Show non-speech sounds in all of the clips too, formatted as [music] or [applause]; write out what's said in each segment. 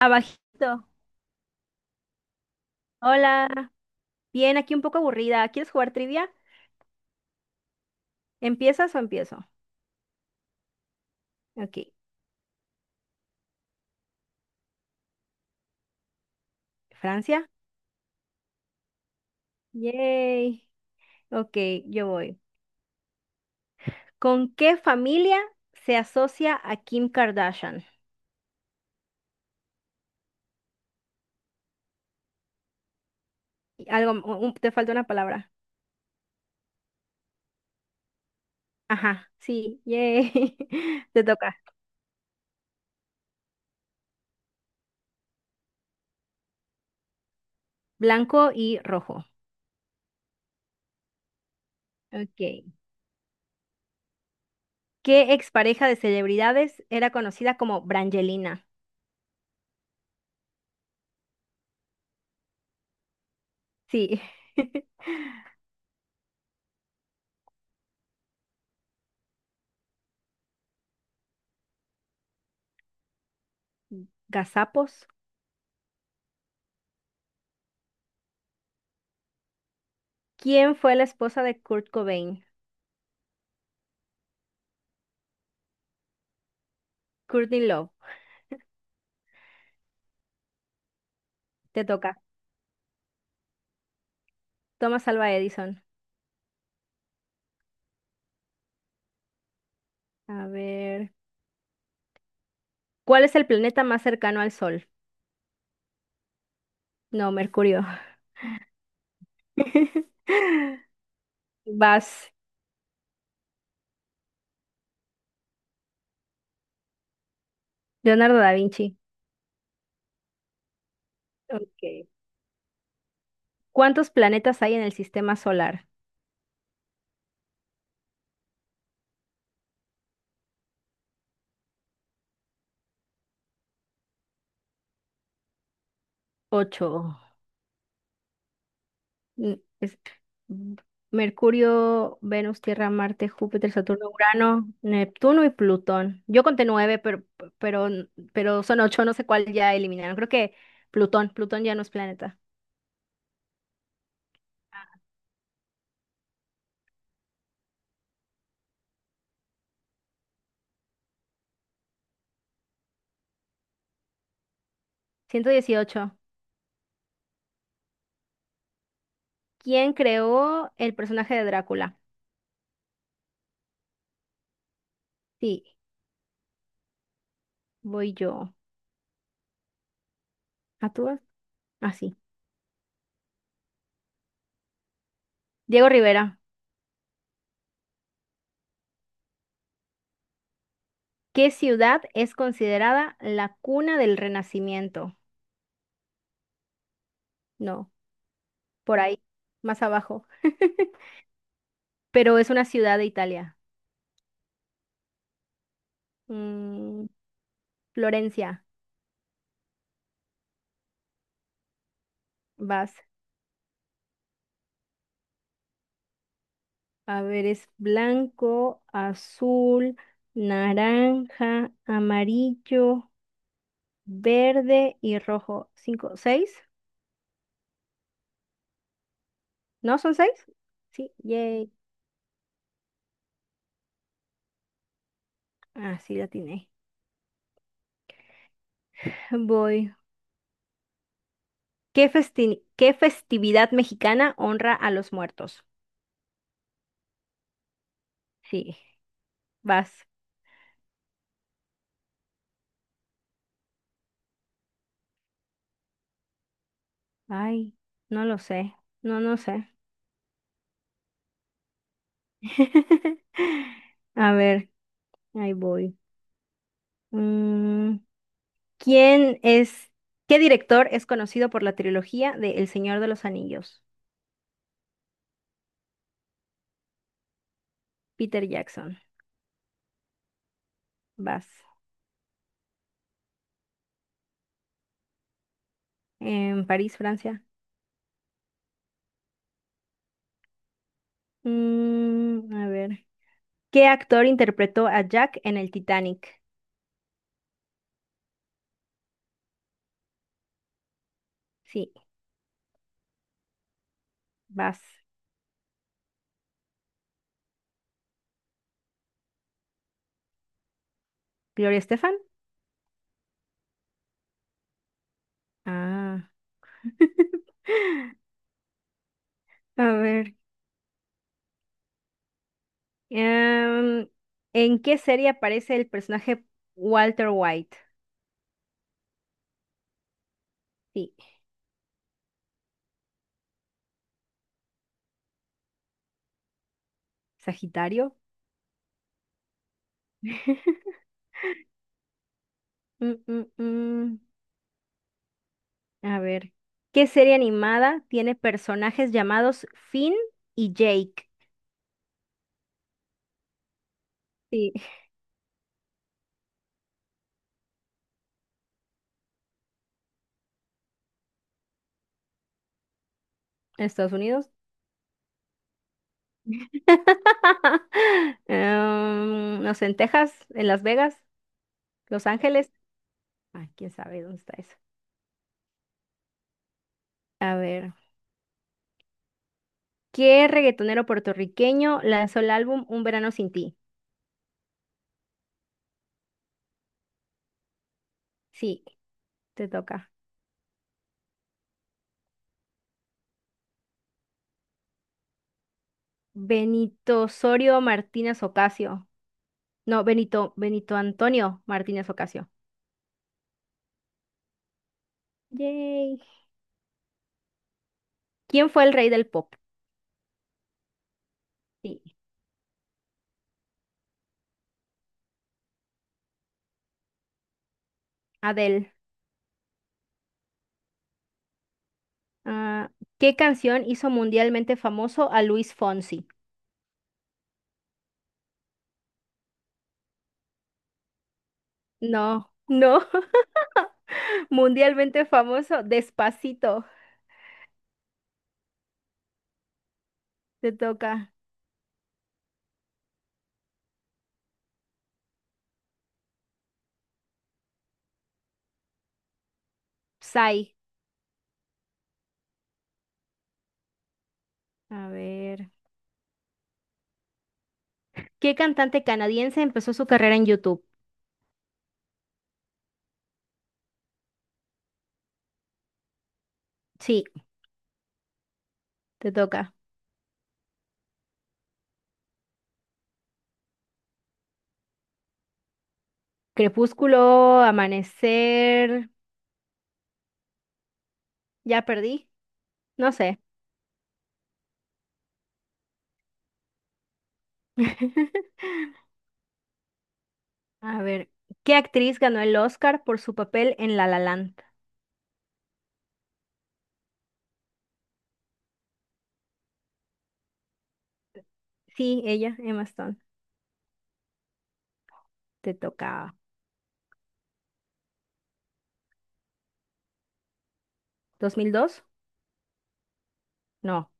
Abajito. Hola. Bien, aquí un poco aburrida. ¿Quieres jugar trivia? ¿Empiezas o empiezo? Ok. Francia. Yay. Ok, yo voy. ¿Con qué familia se asocia a Kim Kardashian? Y algo, te falta una palabra. Ajá, sí, yay. [laughs] Te toca. Blanco y rojo. Ok. ¿Qué expareja de celebridades era conocida como Brangelina? Sí. [laughs] Gazapos. ¿Quién fue la esposa de Kurt Cobain? Courtney Love. Te toca. Thomas Alva Edison. A ver. ¿Cuál es el planeta más cercano al Sol? No, Mercurio. [laughs] Vas. Leonardo da Vinci. Ok. ¿Cuántos planetas hay en el sistema solar? Ocho. Mm, es- mm, Mercurio, Venus, Tierra, Marte, Júpiter, Saturno, Urano, Neptuno y Plutón. Yo conté nueve, pero, pero son ocho, no sé cuál ya eliminaron. Creo que Plutón ya no es planeta. 118. ¿Quién creó el personaje de Drácula? Sí, voy yo. ¿A tú? Así. Diego Rivera. ¿Qué ciudad es considerada la cuna del Renacimiento? No, por ahí, más abajo. [laughs] Pero es una ciudad de Italia. Mm, Florencia, vas. A ver, es blanco, azul, naranja, amarillo, verde y rojo. ¿Cinco? ¿Seis? ¿No son seis? Sí, yay. Ah, sí, la tiene. Voy. ¿Qué festividad mexicana honra a los muertos? Sí, vas. Ay, no lo sé. No, no sé. [laughs] A ver, ahí voy. Mm, ¿quién es, qué director es conocido por la trilogía de El Señor de los Anillos? Peter Jackson. Vas. En París, Francia. A ver. ¿Qué actor interpretó a Jack en el Titanic? Sí, vas. ¿Gloria Estefan? Ah. [laughs] A ver, em, ¿en qué serie aparece el personaje Walter White? Sí. Sagitario. [laughs] Mm, mm, mm. A ver, ¿qué serie animada tiene personajes llamados Finn y Jake? Sí. ¿Estados Unidos? [laughs] Em, no sé, en Texas, en Las Vegas, Los Ángeles. Ah, quién sabe dónde está eso. A ver, ¿qué reggaetonero puertorriqueño lanzó el álbum Un Verano Sin Ti? Sí, te toca. Benito Osorio Martínez Ocasio. No, Benito, Benito Antonio Martínez Ocasio. Yay. ¿Quién fue el rey del pop? Sí. Adele. Ah, ¿qué canción hizo mundialmente famoso a Luis Fonsi? No, no. [laughs] Mundialmente famoso, Despacito. Te toca. Psy. A ver. ¿Qué cantante canadiense empezó su carrera en YouTube? Sí, te toca. Crepúsculo, Amanecer. Ya perdí. No sé. [laughs] A ver, ¿qué actriz ganó el Oscar por su papel en La La Land? Sí, ella, Emma Stone. Te toca. ¿Dos mil dos? No.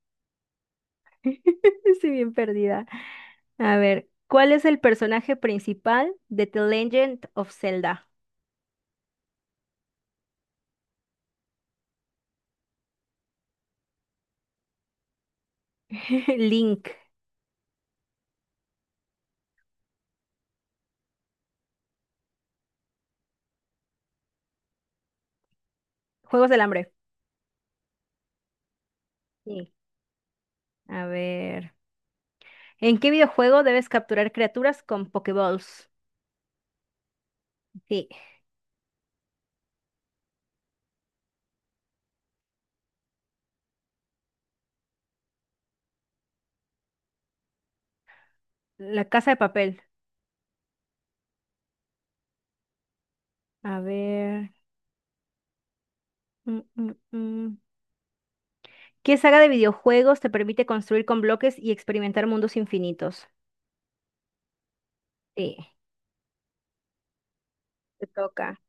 [laughs] Estoy bien perdida. A ver, ¿cuál es el personaje principal de The Legend of Zelda? [laughs] Link. Juegos del Hambre. Sí. A ver, ¿en qué videojuego debes capturar criaturas con Pokéballs? Sí. La Casa de Papel. A ver. Mm, mm, mm. ¿Qué saga de videojuegos te permite construir con bloques y experimentar mundos infinitos? Sí, te toca.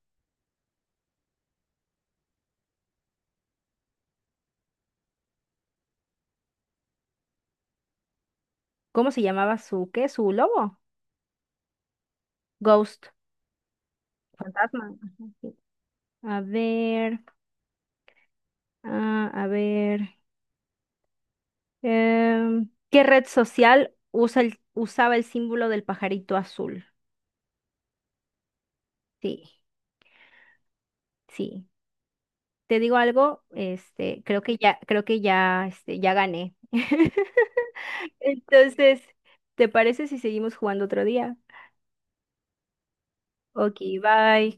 ¿Cómo se llamaba su qué? ¿Su lobo? Ghost. Fantasma. Ajá, sí. A ver, ah, a ver. ¿Qué red social usaba el símbolo del pajarito azul? Sí, sí. Te digo algo, creo que ya, ya gané. [laughs] Entonces, ¿te parece si seguimos jugando otro día? Ok, bye.